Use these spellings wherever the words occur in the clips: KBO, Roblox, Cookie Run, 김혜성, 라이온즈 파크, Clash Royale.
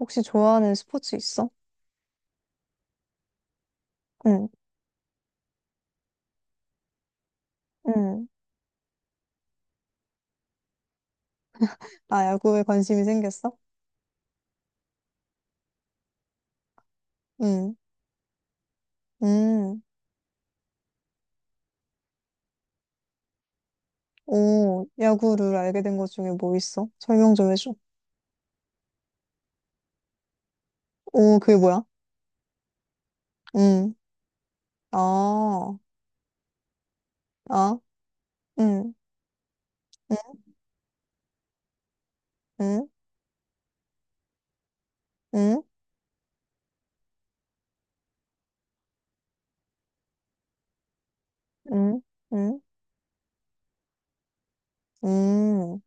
혹시 좋아하는 스포츠 있어? 응, 응. 아, 야구에 관심이 생겼어? 응, 응. 오, 야구를 알게 된 것 중에 뭐 있어? 설명 좀 해줘. 오, 그게 뭐야? 응, 아, 아, 응, 응, 응, 응, 응, 응, 응.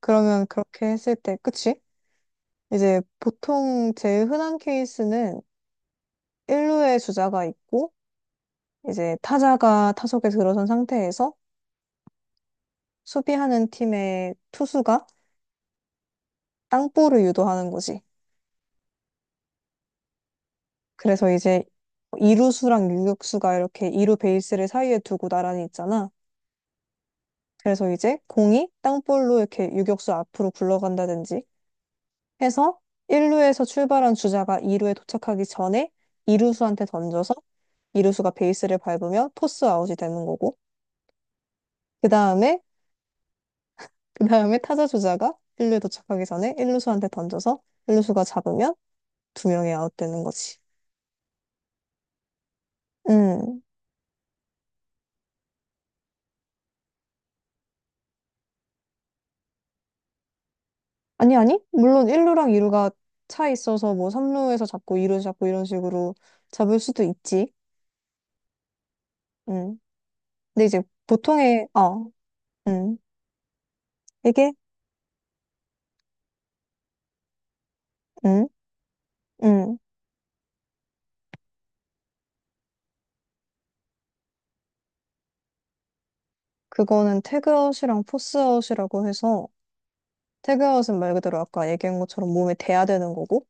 그러면 그렇게 했을 때, 그치? 이제 보통 제일 흔한 케이스는 1루에 주자가 있고, 이제 타자가 타석에 들어선 상태에서 수비하는 팀의 투수가 땅볼을 유도하는 거지. 그래서 이제 이루수랑 유격수가 이렇게 이루 베이스를 사이에 두고 나란히 있잖아. 그래서 이제 공이 땅볼로 이렇게 유격수 앞으로 굴러간다든지 해서 1루에서 출발한 주자가 2루에 도착하기 전에 이루수한테 던져서 이루수가 베이스를 밟으면 토스 아웃이 되는 거고 그 다음에 그 다음에 타자 주자가 1루에 도착하기 전에 1루수한테 던져서 1루수가 잡으면 두 명이 아웃 되는 거지. 음. 아니, 아니. 물론 1루랑 2루가 차 있어서 뭐 3루에서 잡고 2루 잡고 이런 식으로 잡을 수도 있지. 음. 근데 이제 보통의, 어, 음. 이게, 음, 음. 그거는 태그아웃이랑 포스아웃이라고 해서 태그아웃은 말 그대로 아까 얘기한 것처럼 몸에 대야 되는 거고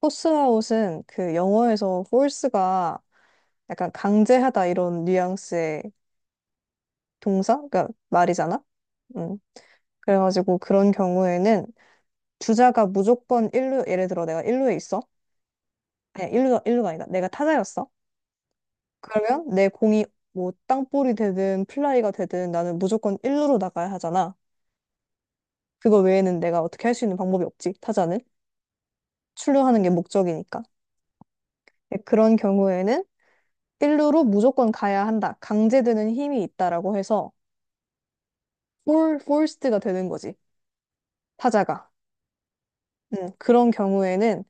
포스아웃은 그 영어에서 force가 약간 강제하다 이런 뉘앙스의 동사? 그러니까 말이잖아. 음. 그래가지고 그런 경우에는 주자가 무조건 일루 예를 들어 내가 일루에 있어. 아니, 일루가 아니다. 내가 타자였어. 그러면 내 공이 뭐 땅볼이 되든 플라이가 되든 나는 무조건 일루로 나가야 하잖아. 그거 외에는 내가 어떻게 할 수 있는 방법이 없지. 타자는 출루하는 게 목적이니까. 네, 그런 경우에는 일루로 무조건 가야 한다. 강제되는 힘이 있다라고 해서 폴 포스트가 되는 거지. 타자가. 그런 경우에는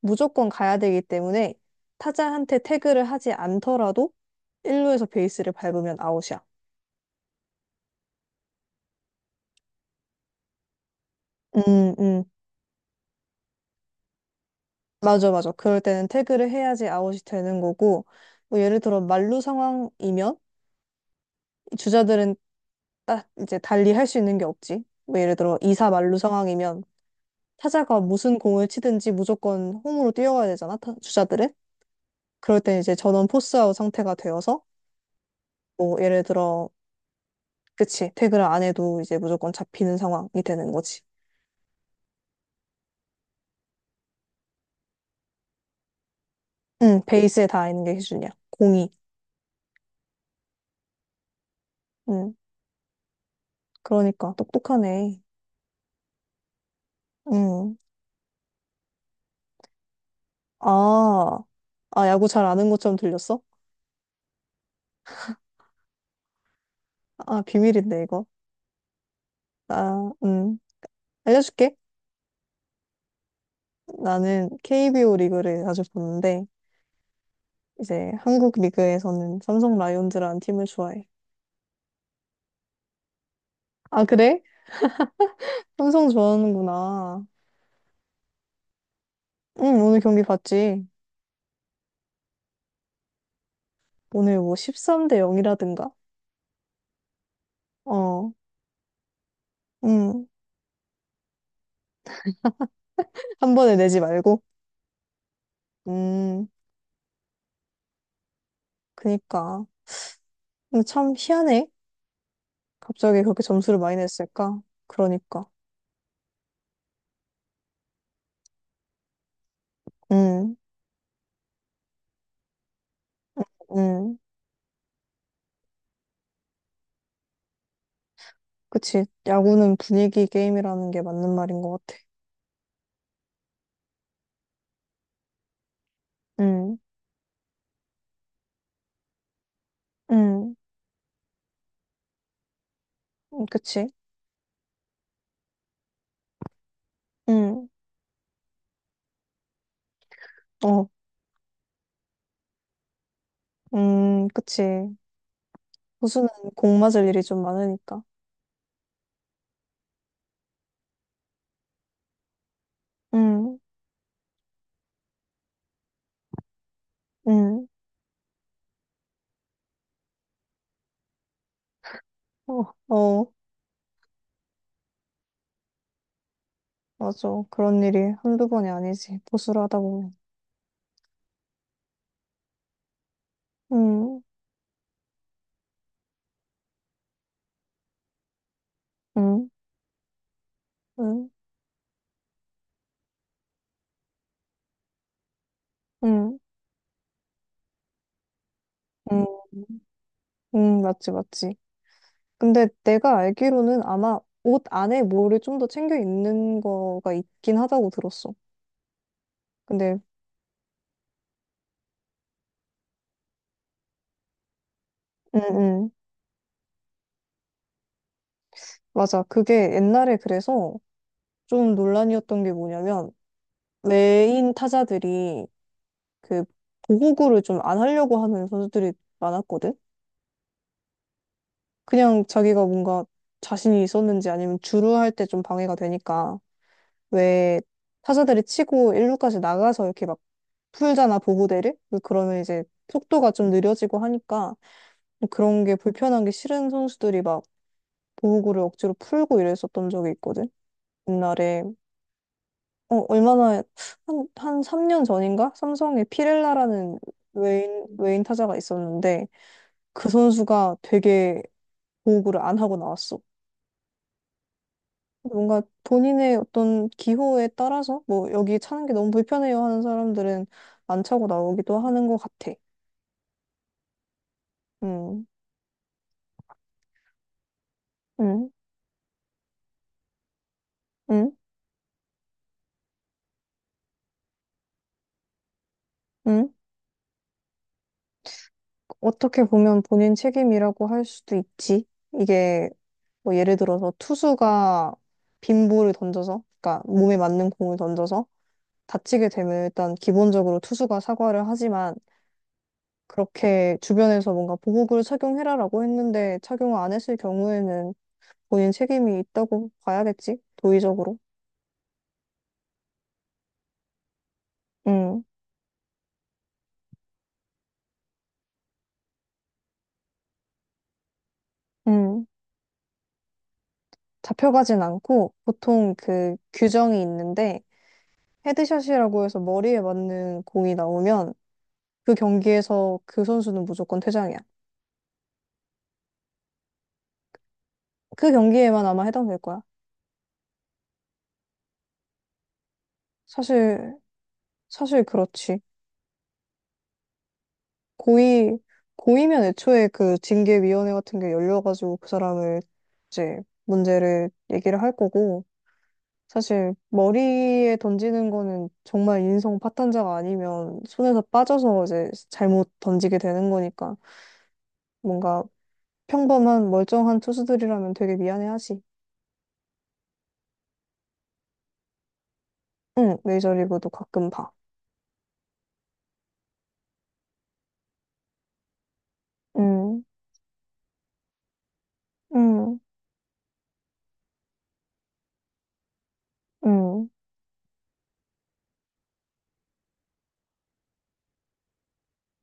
무조건 가야 되기 때문에 타자한테 태그를 하지 않더라도 1루에서 베이스를 밟으면 아웃이야. 음, 음. 맞아, 맞아. 그럴 때는 태그를 해야지 아웃이 되는 거고, 뭐 예를 들어 만루 상황이면 이 주자들은 딱 이제 달리 할 수 있는 게 없지. 뭐 예를 들어 2사 만루 상황이면 타자가 무슨 공을 치든지 무조건 홈으로 뛰어가야 되잖아, 주자들은. 그럴 때 이제 전원 포스아웃 상태가 되어서 뭐 예를 들어 그치 태그를 안 해도 이제 무조건 잡히는 상황이 되는 거지. 응, 베이스에 다 있는 게 기준이야. 공이. 응, 그러니까 똑똑하네. 응. 아, 아, 야구 잘 아는 것처럼 들렸어? 아, 비밀인데 이거. 아, 알려줄게. 나는 KBO 리그를 자주 보는데 이제 한국 리그에서는 삼성 라이온즈라는 팀을 좋아해. 아, 그래? 삼성 좋아하는구나. 응, 오늘 경기 봤지. 오늘 뭐 13대 0이라든가? 어, 응. 한 번에 내지 말고. 음, 그니까. 근데 참 희한해. 갑자기 그렇게 점수를 많이 냈을까? 그러니까. 음, 음. 그치. 야구는 분위기 게임이라는 게 맞는 말인 것 같아. 음, 음, 그치. 음, 어, 그치. 고수는 공 맞을 일이 좀 많으니까. 음, 음, 어, 어, 맞아. 그런 일이 한두 번이 아니지. 보수를 하다 보면. 음, 음, 음, 음, 음, 맞지, 맞지. 근데 내가 알기로는 아마 옷 안에 뭐를 좀 더 챙겨 입는 거가 있긴 하다고 들었어. 근데, 음, 음, 맞아. 그게 옛날에 그래서 좀 논란이었던 게 뭐냐면, 메인 타자들이 그 보호구를 좀 안 하려고 하는 선수들이 많았거든? 그냥 자기가 뭔가 자신이 있었는지 아니면 주루할 때 좀 방해가 되니까, 왜 타자들이 치고 일루까지 나가서 이렇게 막 풀잖아, 보호대를? 그러면 이제 속도가 좀 느려지고 하니까, 뭐 그런 게 불편한 게 싫은 선수들이 막 보호구를 억지로 풀고 이랬었던 적이 있거든. 옛날에 어, 얼마나 한, 한 3년 전인가? 삼성에 피렐라라는 외인 타자가 있었는데 그 선수가 되게 보호구를 안 하고 나왔어. 뭔가 본인의 어떤 기호에 따라서 뭐 여기 차는 게 너무 불편해요 하는 사람들은 안 차고 나오기도 하는 것 같아. 음, 음, 음, 음. 어떻게 보면 본인 책임이라고 할 수도 있지. 이게 뭐 예를 들어서 투수가 빈 볼을 던져서, 그러니까 몸에 맞는 공을 던져서 다치게 되면 일단 기본적으로 투수가 사과를 하지만 그렇게 주변에서 뭔가 보복을 착용해라라고 했는데 착용을 안 했을 경우에는 본인 책임이 있다고 봐야겠지? 도의적으로. 음, 음. 잡혀가진 않고 보통 그 규정이 있는데 헤드샷이라고 해서 머리에 맞는 공이 나오면 그 경기에서 그 선수는 무조건 퇴장이야. 그 경기에만 아마 해당될 거야. 사실 사실 그렇지. 고의, 고의면 애초에 그 징계위원회 같은 게 열려가지고 그 사람을 이제 문제를 얘기를 할 거고, 사실 머리에 던지는 거는 정말 인성 파탄자가 아니면 손에서 빠져서 이제 잘못 던지게 되는 거니까 뭔가 평범한 멀쩡한 투수들이라면 되게 미안해하지. 응, 메이저리그도 가끔 봐. 응, 응, 응,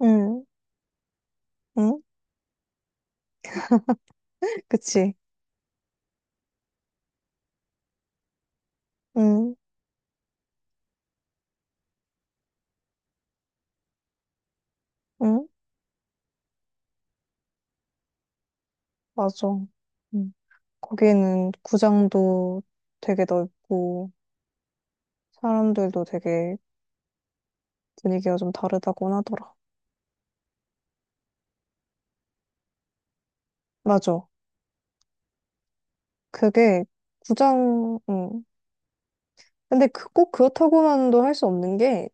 응, 응, 그치. 응, 응, 맞아. 응. 거기는 구장도 되게 넓고 사람들도 되게 분위기가 좀 다르다고 하더라. 맞아. 그게 구장, 근데 그, 꼭 그렇다고만도 할 수 없는 게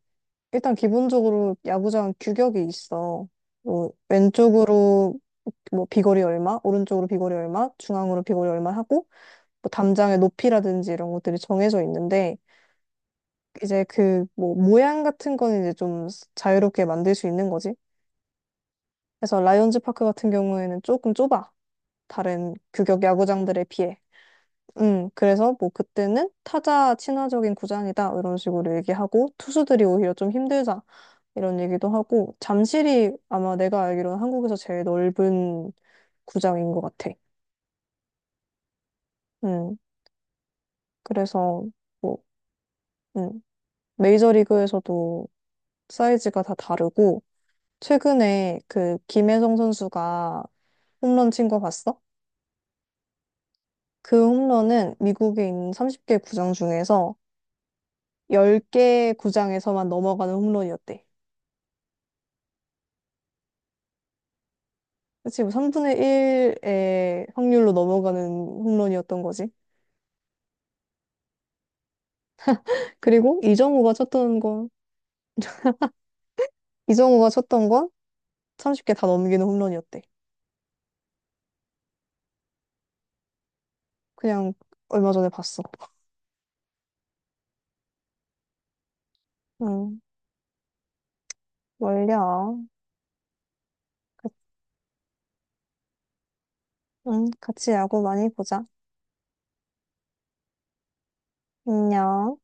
일단 기본적으로 야구장 규격이 있어. 뭐 왼쪽으로 뭐 비거리 얼마, 오른쪽으로 비거리 얼마, 중앙으로 비거리 얼마 하고 뭐 담장의 높이라든지 이런 것들이 정해져 있는데 이제 그 뭐 모양 같은 건 이제 좀 자유롭게 만들 수 있는 거지. 그래서 라이온즈 파크 같은 경우에는 조금 좁아. 다른 규격 야구장들에 비해. 그래서 뭐 그때는 타자 친화적인 구장이다. 이런 식으로 얘기하고, 투수들이 오히려 좀 힘들다. 이런 얘기도 하고, 잠실이 아마 내가 알기로는 한국에서 제일 넓은 구장인 것 같아. 음, 그래서 뭐, 음, 메이저리그에서도 사이즈가 다 다르고, 최근에 그 김혜성 선수가 홈런 친 거 봤어? 그 홈런은 미국에 있는 30개 구장 중에서 10개 구장에서만 넘어가는 홈런이었대. 그치, 뭐 3분의 1의 확률로 넘어가는 홈런이었던 거지. 그리고 이정우가 쳤던 건, 이정우가 쳤던 건 30개 다 넘기는 홈런이었대. 그냥 얼마 전에 봤어. 응, 멀려. 응, 같이 야구 많이 보자. 안녕.